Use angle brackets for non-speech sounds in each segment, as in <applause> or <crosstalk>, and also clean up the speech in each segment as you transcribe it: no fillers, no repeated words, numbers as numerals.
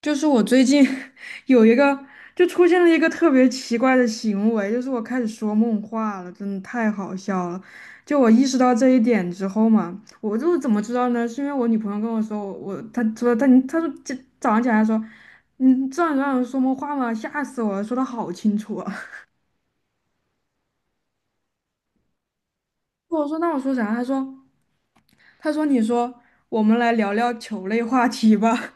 就是我最近 <laughs> 有一个，就出现了一个特别奇怪的行为，就是我开始说梦话了，真的太好笑了。就我意识到这一点之后嘛，我就怎么知道呢？是因为我女朋友跟我说，我她说她你她说这早上起来说，你这样让人说梦话吗？吓死我了，说的好清楚啊。<laughs> 我说那我说啥？她说你说我们来聊聊球类话题吧。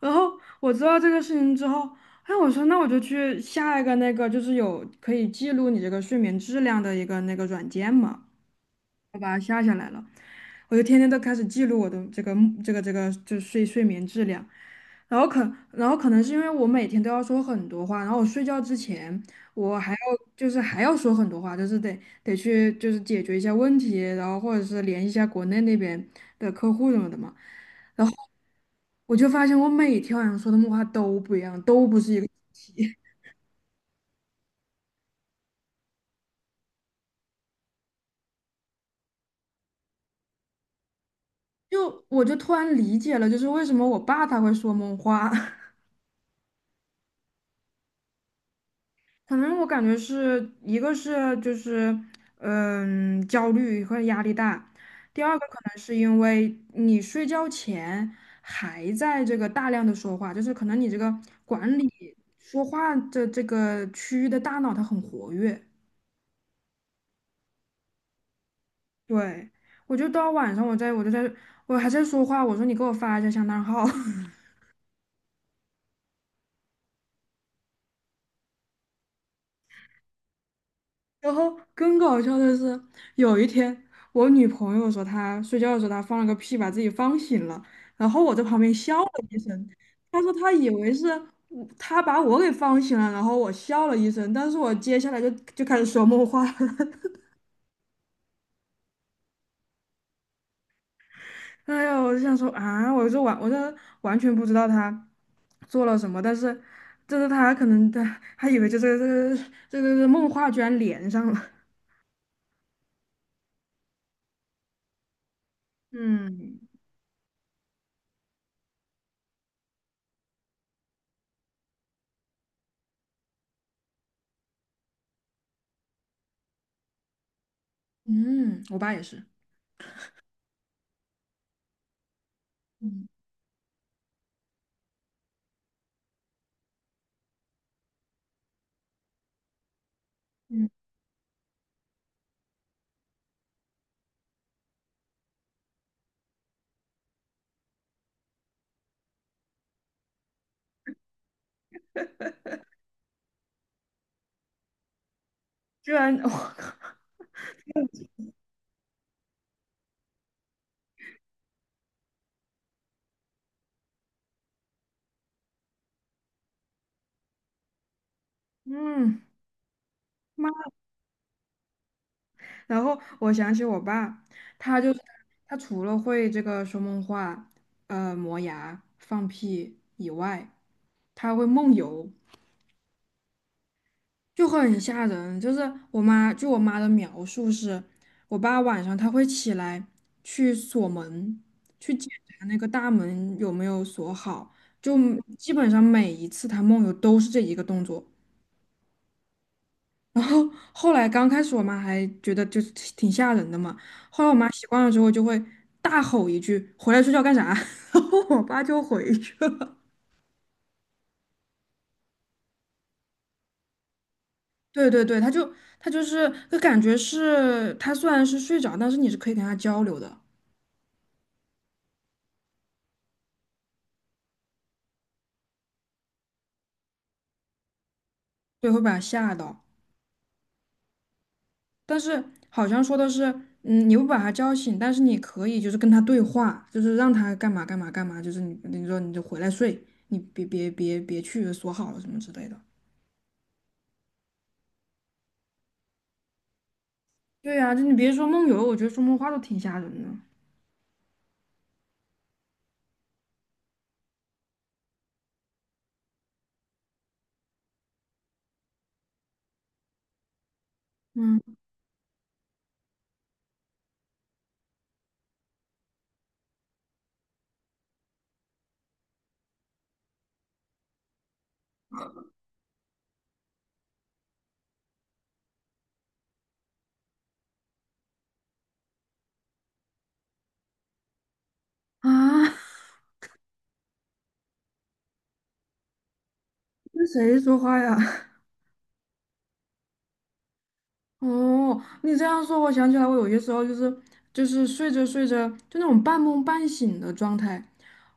然后我知道这个事情之后，哎，我说那我就去下一个那个，就是有可以记录你这个睡眠质量的一个那个软件嘛。我就天天都开始记录我的这个就是睡眠质量，然后可然后可能是因为我每天都要说很多话，然后我睡觉之前我还要就是还要说很多话，就是得去就是解决一下问题，然后或者是联系一下国内那边的客户什么的嘛，然后我就发现我每天晚上说的梦话都不一样，都不是一个主题，<laughs> 我就突然理解了，就是为什么我爸他会说梦话。<laughs> 可能我感觉是一个是就是焦虑和压力大，第二个可能是因为你睡觉前还在这个大量的说话，就是可能你这个管理说话的这个区域的大脑它很活跃，对，我就到晚上我还在说话，我说你给我发一下香囊号。<laughs> 然后更搞笑的是，有一天我女朋友说她睡觉的时候她放了个屁，把自己放醒了，然后我在旁边笑了一声。她说她以为是她把我给放醒了，然后我笑了一声，但是我接下来就开始说梦话了。<laughs> 哎呀，我就想说啊，我就完全不知道她做了什么，但是就是她可能以为就这个梦话居然连上了。嗯嗯，我爸也是。嗯嗯居然，<laughs> 我靠，嗯，妈！然后我想起我爸，他就是他除了会这个说梦话、磨牙、放屁以外，他会梦游，就很吓人。就是我妈，据我妈的描述是，我爸晚上他会起来去锁门，去检查那个大门有没有锁好，就基本上每一次他梦游都是这一个动作。然后后来刚开始我妈还觉得就是挺吓人的嘛，后来我妈习惯了之后就会大吼一句“回来睡觉干啥”，<laughs> 然后我爸就回去了。对对对，他就是就感觉是他虽然是睡着，但是你是可以跟他交流的，对，会把他吓到。但是好像说的是，你不把他叫醒，但是你可以就是跟他对话，就是让他干嘛干嘛干嘛，就是你说你就回来睡，你别去锁好了什么之类的。对呀、就你别说梦游，我觉得说梦话都挺吓人的。嗯啊，<laughs> 跟谁说话呀？哦，你这样说，我想起来，我有些时候就是睡着睡着，就那种半梦半醒的状态，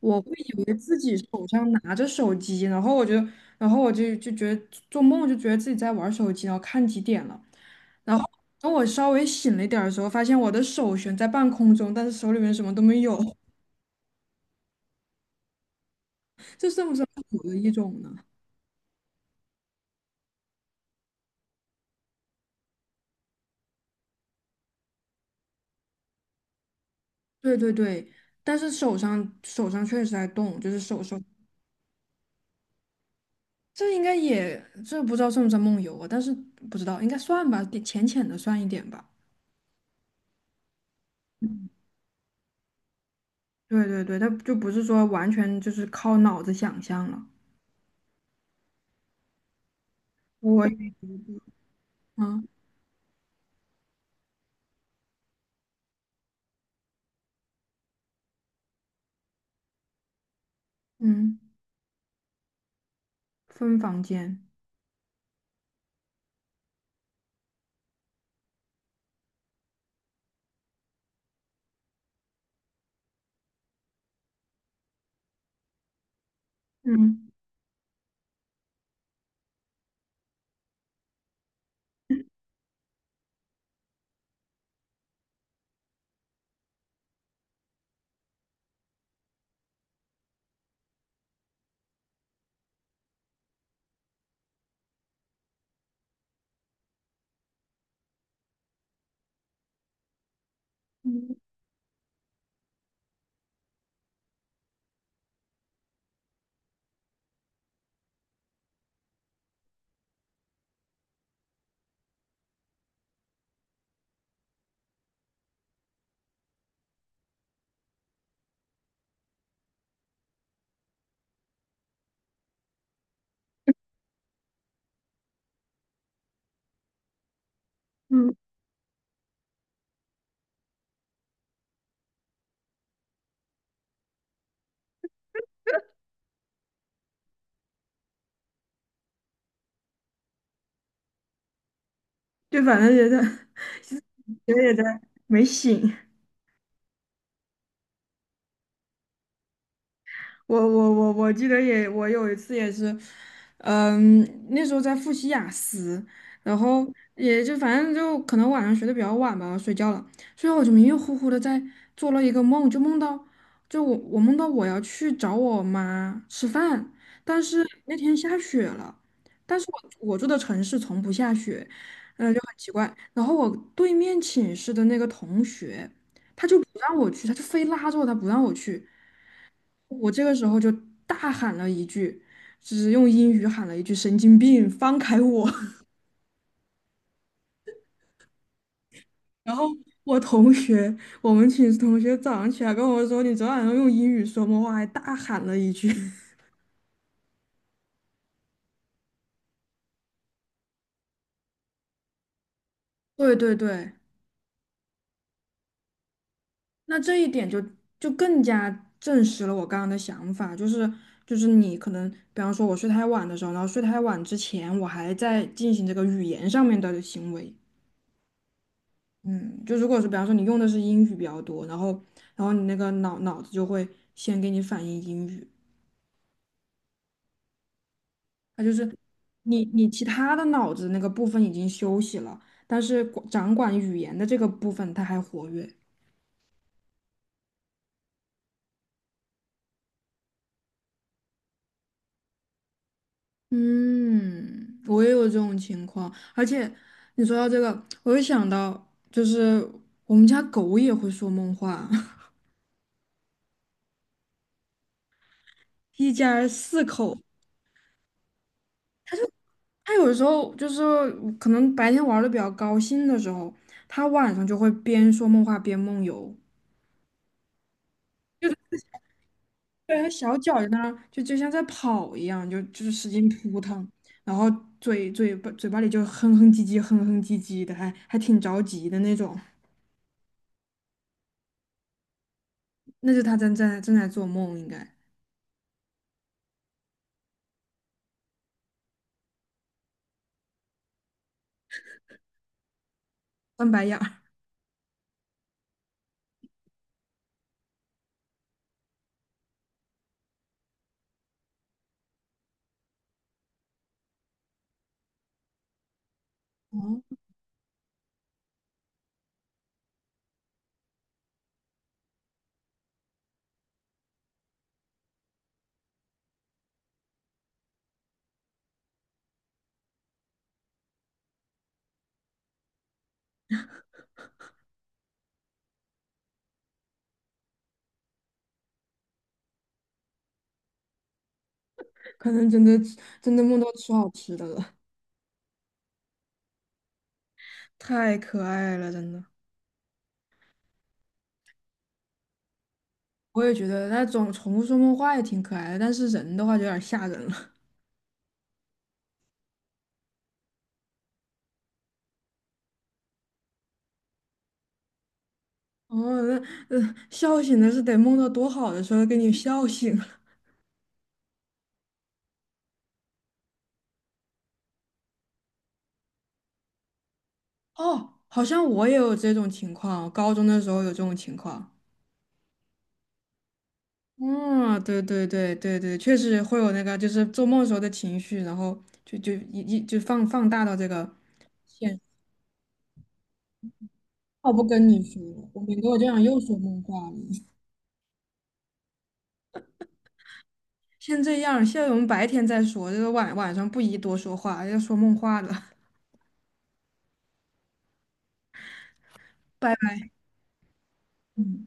我会以为自己手上拿着手机，然后我就觉得做梦就觉得自己在玩手机，然后看几点了，然后等我稍微醒了一点儿的时候，发现我的手悬在半空中，但是手里面什么都没有，<laughs> 这算不算有的一种呢？对对对，但是手上确实在动，就是手，这应该也这不知道算不算梦游啊？但是不知道应该算吧，点浅浅的算一点吧。对对对，它就不是说完全就是靠脑子想象了。我嗯嗯，分房间，嗯嗯嗯，就反正觉得 <laughs> 觉得也在没醒。我记得也，我有一次也是，嗯，那时候在复习雅思，然后也就反正就可能晚上学的比较晚吧，我睡觉了，所以我就迷迷糊糊的在做了一个梦，就梦到就我我梦到我要去找我妈吃饭，但是那天下雪了，但是我住的城市从不下雪，嗯，就很奇怪。然后我对面寝室的那个同学，他就不让我去，他就非拉着我，他不让我去。我这个时候就大喊了一句，就是用英语喊了一句“神经病，放开我” <laughs>。然后我同学，我们寝室同学早上起来跟我说：“你昨晚上用英语说梦话，还大喊了一句。<laughs>”对对对，那这一点就更加证实了我刚刚的想法，就是你可能，比方说我睡太晚的时候，然后睡太晚之前，我还在进行这个语言上面的行为。嗯，就如果是比方说你用的是英语比较多，然后你那个脑子就会先给你反应英语，它就是你其他的脑子那个部分已经休息了，但是掌管语言的这个部分它还活跃。嗯，我也有这种情况，而且你说到这个，我又想到，就是我们家狗也会说梦话，<laughs> 一家四口。他有时候就是可能白天玩的比较高兴的时候，他晚上就会边说梦话边梦游，对，他小脚在那儿就像在跑一样，就是使劲扑腾，然后嘴巴里就哼哼唧唧哼哼唧唧的，还挺着急的那种，那是他正在做梦，应该翻白眼儿，哦，<laughs> 可能真的梦到吃好吃的了，<laughs> 太可爱了，真的。我也觉得，那种宠物说梦话也挺可爱的，但是人的话就有点吓人了。哦，那笑醒的是得梦到多好的时候给你笑醒了。哦，好像我也有这种情况，我高中的时候有这种情况。嗯，对对对对对，确实会有那个，就是做梦时候的情绪，然后就一就放大到这个现。我不跟你说了，我免得我这样又说梦话了。<laughs> 先这样，现在我们白天再说，这个晚上不宜多说话，要说梦话了。<laughs> 拜拜。嗯。